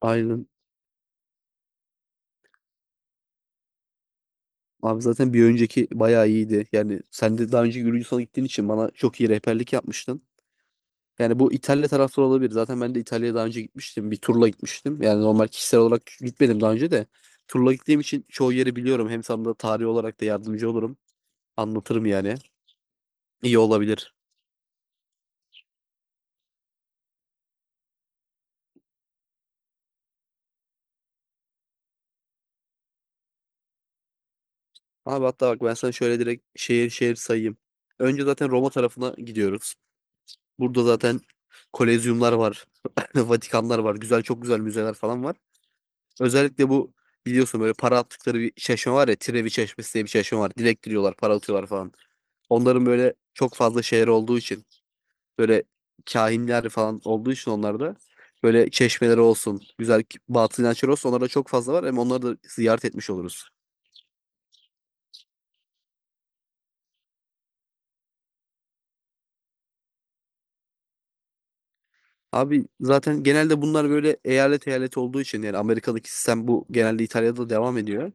Aynen. Abi zaten bir önceki bayağı iyiydi. Yani sen de daha önce Gürcistan'a gittiğin için bana çok iyi rehberlik yapmıştın. Yani bu İtalya taraftarı olabilir. Zaten ben de İtalya'ya daha önce gitmiştim. Bir turla gitmiştim. Yani normal kişisel olarak gitmedim daha önce de. Turla gittiğim için çoğu yeri biliyorum. Hem sana da tarih olarak da yardımcı olurum. Anlatırım yani. İyi olabilir. Abi hatta bak ben sana şöyle direkt şehir şehir sayayım. Önce zaten Roma tarafına gidiyoruz. Burada zaten kolezyumlar var. Vatikanlar var. Güzel çok güzel müzeler falan var. Özellikle bu biliyorsun böyle para attıkları bir çeşme var ya. Trevi Çeşmesi diye bir çeşme var. Dilek diliyorlar, para atıyorlar falan. Onların böyle çok fazla şehir olduğu için böyle kahinler falan olduğu için onlarda böyle çeşmeleri olsun, güzel batıl inançları olsun onlarda çok fazla var. Hem onları da ziyaret etmiş oluruz. Abi zaten genelde bunlar böyle eyalet eyalet olduğu için yani Amerika'daki sistem bu genelde İtalya'da devam ediyor.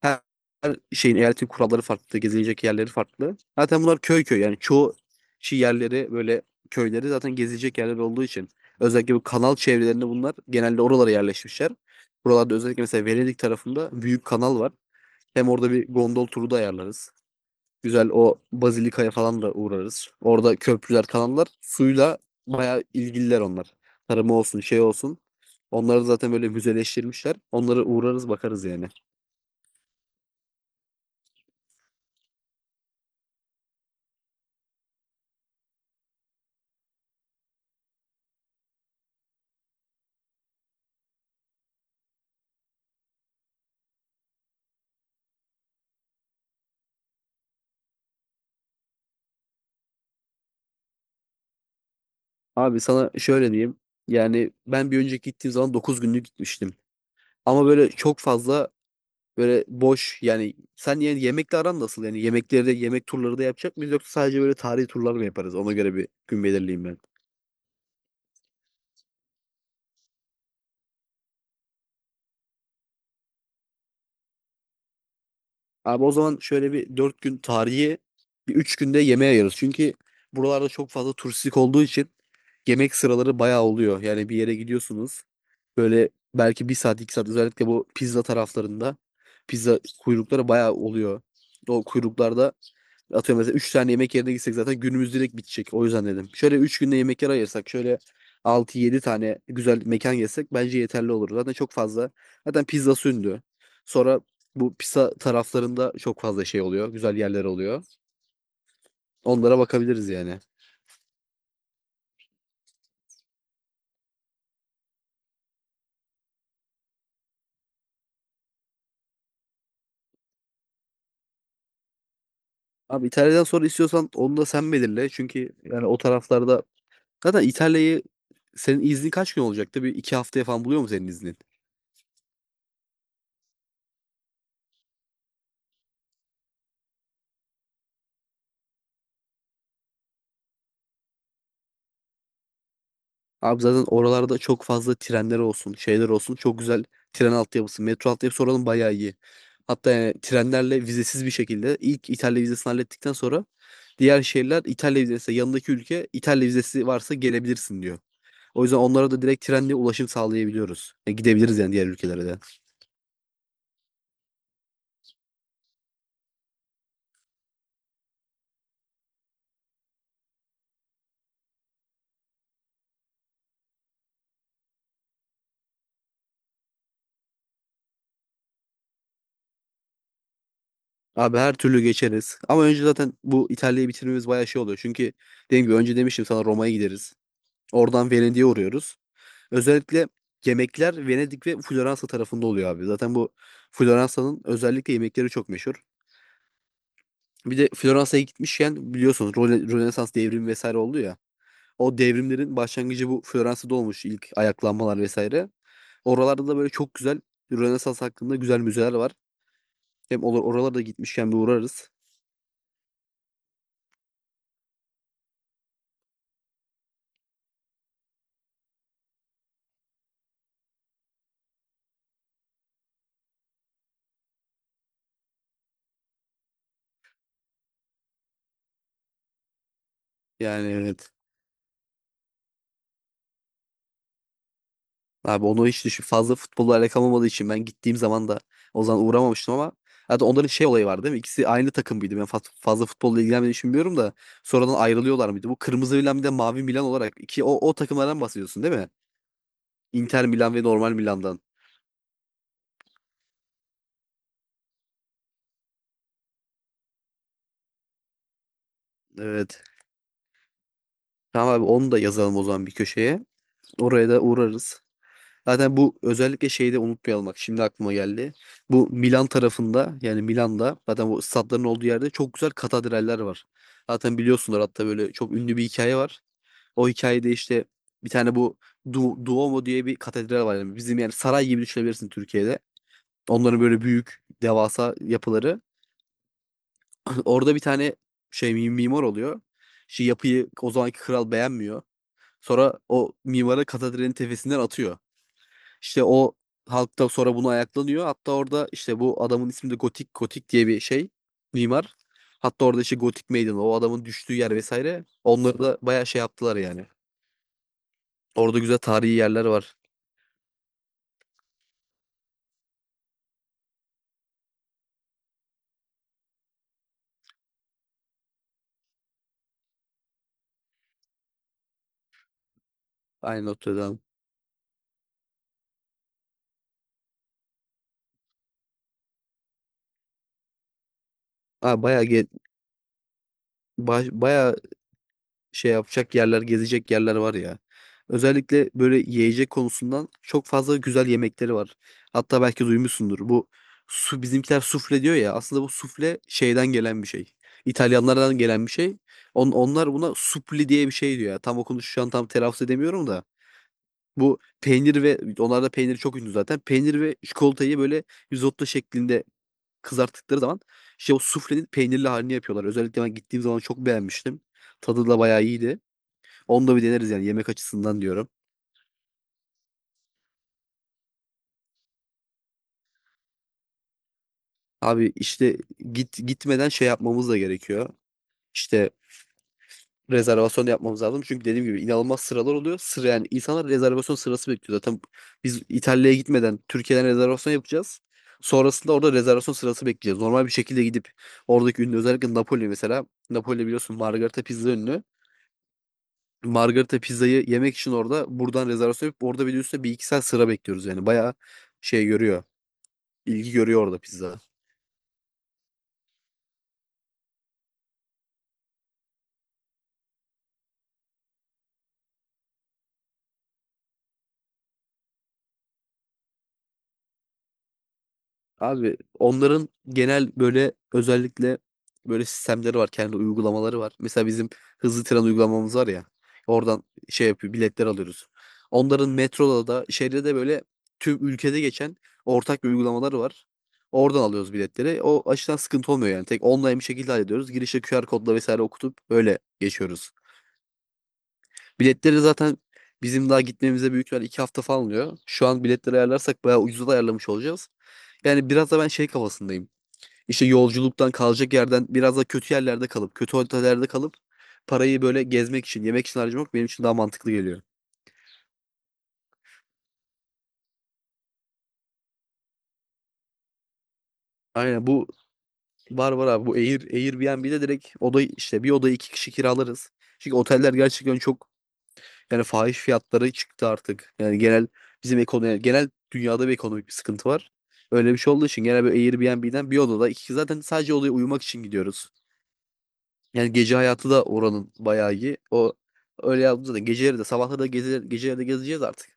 Her her şeyin eyaletin kuralları farklı, gezilecek yerleri farklı. Zaten bunlar köy köy yani çoğu şey yerleri böyle köyleri zaten gezilecek yerler olduğu için özellikle bu kanal çevrelerinde bunlar genelde oralara yerleşmişler. Buralarda özellikle mesela Venedik tarafında büyük kanal var. Hem orada bir gondol turu da ayarlarız. Güzel o Bazilika'ya falan da uğrarız. Orada köprüler, kanallar suyla bayağı ilgililer onlar. Tarımı olsun, şey olsun. Onları zaten böyle müzeleştirmişler. Onlara uğrarız bakarız yani. Abi sana şöyle diyeyim. Yani ben bir önceki gittiğim zaman 9 günlük gitmiştim. Ama böyle çok fazla böyle boş yani sen yani yemekle aran nasıl? Yani yemekleri de yemek turları da yapacak mıyız yoksa sadece böyle tarihi turlar mı yaparız? Ona göre bir gün belirleyeyim ben. Abi o zaman şöyle bir 4 gün tarihi, bir 3 günde yemeğe ayırırız. Çünkü buralarda çok fazla turistik olduğu için yemek sıraları bayağı oluyor. Yani bir yere gidiyorsunuz. Böyle belki bir saat 2 saat özellikle bu pizza taraflarında pizza kuyrukları bayağı oluyor. O kuyruklarda atıyorum mesela 3 tane yemek yerine gitsek zaten günümüz direkt bitecek. O yüzden dedim. Şöyle 3 günde yemek yer ayırsak şöyle altı yedi tane güzel mekan yesek bence yeterli olur. Zaten çok fazla. Zaten pizza sündü. Sonra bu pizza taraflarında çok fazla şey oluyor. Güzel yerler oluyor. Onlara bakabiliriz yani. Abi İtalya'dan sonra istiyorsan onu da sen belirle. Çünkü yani o taraflarda zaten İtalya'yı senin iznin kaç gün olacaktı? Bir 2 haftaya falan buluyor mu senin iznin? Abi zaten oralarda çok fazla trenler olsun, şeyler olsun. Çok güzel tren altyapısı, metro altyapısı oranın bayağı iyi. Hatta yani trenlerle vizesiz bir şekilde ilk İtalya vizesini hallettikten sonra diğer şehirler İtalya vizesi yanındaki ülke İtalya vizesi varsa gelebilirsin diyor. O yüzden onlara da direkt trenle ulaşım sağlayabiliyoruz. E, gidebiliriz yani diğer ülkelere de. Abi her türlü geçeriz. Ama önce zaten bu İtalya'yı bitirmemiz bayağı şey oluyor. Çünkü dediğim gibi önce demiştim sana Roma'ya gideriz. Oradan Venedik'e uğruyoruz. Özellikle yemekler Venedik ve Floransa tarafında oluyor abi. Zaten bu Floransa'nın özellikle yemekleri çok meşhur. Bir de Floransa'ya gitmişken biliyorsunuz Rönesans devrimi vesaire oldu ya. O devrimlerin başlangıcı bu Floransa'da olmuş ilk ayaklanmalar vesaire. Oralarda da böyle çok güzel Rönesans hakkında güzel müzeler var. Hem olur oralara da gitmişken bir uğrarız. Yani evet. Abi onu hiç düşün. Fazla futbolla alakam olmadığı için ben gittiğim zaman da o zaman uğramamıştım ama hatta onların şey olayı var değil mi? İkisi aynı takım mıydı? Ben fazla futbolla ilgilenmediğimi için bilmiyorum da sonradan ayrılıyorlar mıydı? Bu kırmızı Milan bir de mavi Milan olarak iki o takımlardan bahsediyorsun değil mi? Inter Milan ve normal Milan'dan. Evet. Tamam abi onu da yazalım o zaman bir köşeye. Oraya da uğrarız. Zaten bu özellikle şeyde de unutmayalım bak şimdi aklıma geldi. Bu Milan tarafında yani Milan'da zaten bu stadların olduğu yerde çok güzel katedraller var. Zaten biliyorsunlar hatta böyle çok ünlü bir hikaye var. O hikayede işte bir tane bu Duomo diye bir katedral var. Yani bizim yani saray gibi düşünebilirsin Türkiye'de. Onların böyle büyük devasa yapıları. Orada bir tane şey mimar oluyor. Şey yapıyı o zamanki kral beğenmiyor. Sonra o mimarı katedralin tepesinden atıyor. İşte o halk da sonra bunu ayaklanıyor. Hatta orada işte bu adamın ismi de Gotik Gotik diye bir şey mimar. Hatta orada işte Gotik Meydanı o adamın düştüğü yer vesaire. Onları da bayağı şey yaptılar yani. Orada güzel tarihi yerler var. Aynı Notre Dame. Ha, bayağı şey yapacak yerler, gezecek yerler var ya. Özellikle böyle yiyecek konusundan çok fazla güzel yemekleri var. Hatta belki duymuşsundur. Bu bizimkiler sufle diyor ya. Aslında bu sufle şeyden gelen bir şey. İtalyanlardan gelen bir şey. Onlar buna supli diye bir şey diyor ya. Tam okunuşu şu an tam telaffuz edemiyorum da. Bu peynir ve onlarda peynir çok ünlü zaten. Peynir ve çikolatayı böyle risotto şeklinde kızarttıkları zaman işte o suflenin peynirli halini yapıyorlar. Özellikle ben gittiğim zaman çok beğenmiştim. Tadı da bayağı iyiydi. Onu da bir deneriz yani yemek açısından diyorum. Abi işte gitmeden şey yapmamız da gerekiyor. İşte rezervasyon yapmamız lazım. Çünkü dediğim gibi inanılmaz sıralar oluyor. Sıra yani insanlar rezervasyon sırası bekliyor. Zaten biz İtalya'ya gitmeden Türkiye'den rezervasyon yapacağız. Sonrasında orada rezervasyon sırası bekleyeceğiz. Normal bir şekilde gidip oradaki ünlü özellikle Napoli mesela. Napoli biliyorsun Margherita pizza ünlü. Margherita pizzayı yemek için orada buradan rezervasyon yapıp orada bir de üstüne bir iki saat sıra bekliyoruz yani. Bayağı şey görüyor. İlgi görüyor orada pizza. Abi onların genel böyle özellikle böyle sistemleri var. Kendi uygulamaları var. Mesela bizim hızlı tren uygulamamız var ya. Oradan şey yapıyor biletler alıyoruz. Onların metroda da şehirde de böyle tüm ülkede geçen ortak bir uygulamaları var. Oradan alıyoruz biletleri. O açıdan sıkıntı olmuyor yani. Tek online bir şekilde hallediyoruz. Girişe QR kodla vesaire okutup öyle geçiyoruz. Biletleri zaten bizim daha gitmemize büyük ihtimal 2 hafta falan oluyor. Şu an biletleri ayarlarsak bayağı ucuza da ayarlamış olacağız. Yani biraz da ben şey kafasındayım. İşte yolculuktan, kalacak yerden, biraz da kötü yerlerde kalıp, kötü otellerde kalıp parayı böyle gezmek için, yemek için harcamak benim için daha mantıklı geliyor. Aynen bu var var abi. Bu Airbnb'de direkt oda işte bir odayı iki kişi kiralarız. Çünkü oteller gerçekten çok yani fahiş fiyatları çıktı artık. Yani genel bizim ekonomi yani genel dünyada bir ekonomik bir sıkıntı var. Öyle bir şey olduğu için genel böyle Airbnb'den bir odada iki zaten sadece odaya uyumak için gidiyoruz. Yani gece hayatı da oranın bayağı iyi. O öyle yaptığımızda da geceleri de sabahları da gezer, geceleri de gezeceğiz artık.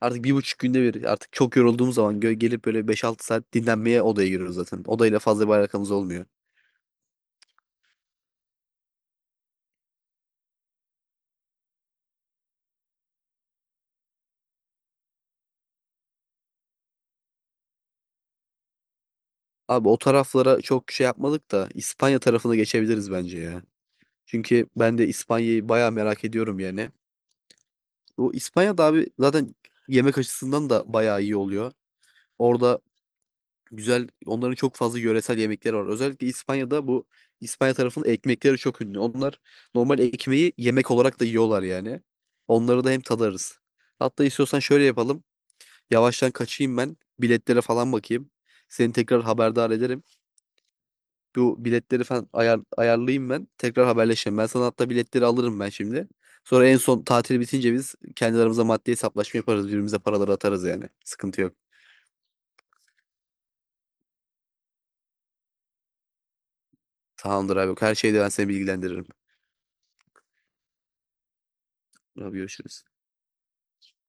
Artık 1,5 günde bir artık çok yorulduğumuz zaman gelip böyle 5-6 saat dinlenmeye odaya giriyoruz zaten. Odayla fazla bir alakamız olmuyor. Abi o taraflara çok şey yapmadık da İspanya tarafına geçebiliriz bence ya. Çünkü ben de İspanya'yı bayağı merak ediyorum yani. O İspanya'da abi zaten yemek açısından da bayağı iyi oluyor. Orada güzel onların çok fazla yöresel yemekleri var. Özellikle İspanya'da bu İspanya tarafının ekmekleri çok ünlü. Onlar normal ekmeği yemek olarak da yiyorlar yani. Onları da hem tadarız. Hatta istiyorsan şöyle yapalım. Yavaştan kaçayım ben. Biletlere falan bakayım. Seni tekrar haberdar ederim. Bu biletleri falan ayarlayayım ben. Tekrar haberleşelim. Ben sana hatta biletleri alırım ben şimdi. Sonra en son tatil bitince biz kendi aramızda maddi hesaplaşma yaparız. Birbirimize paraları atarız yani. Sıkıntı yok. Tamamdır abi. Her şeyde ben seni bilgilendiririm. Abi görüşürüz.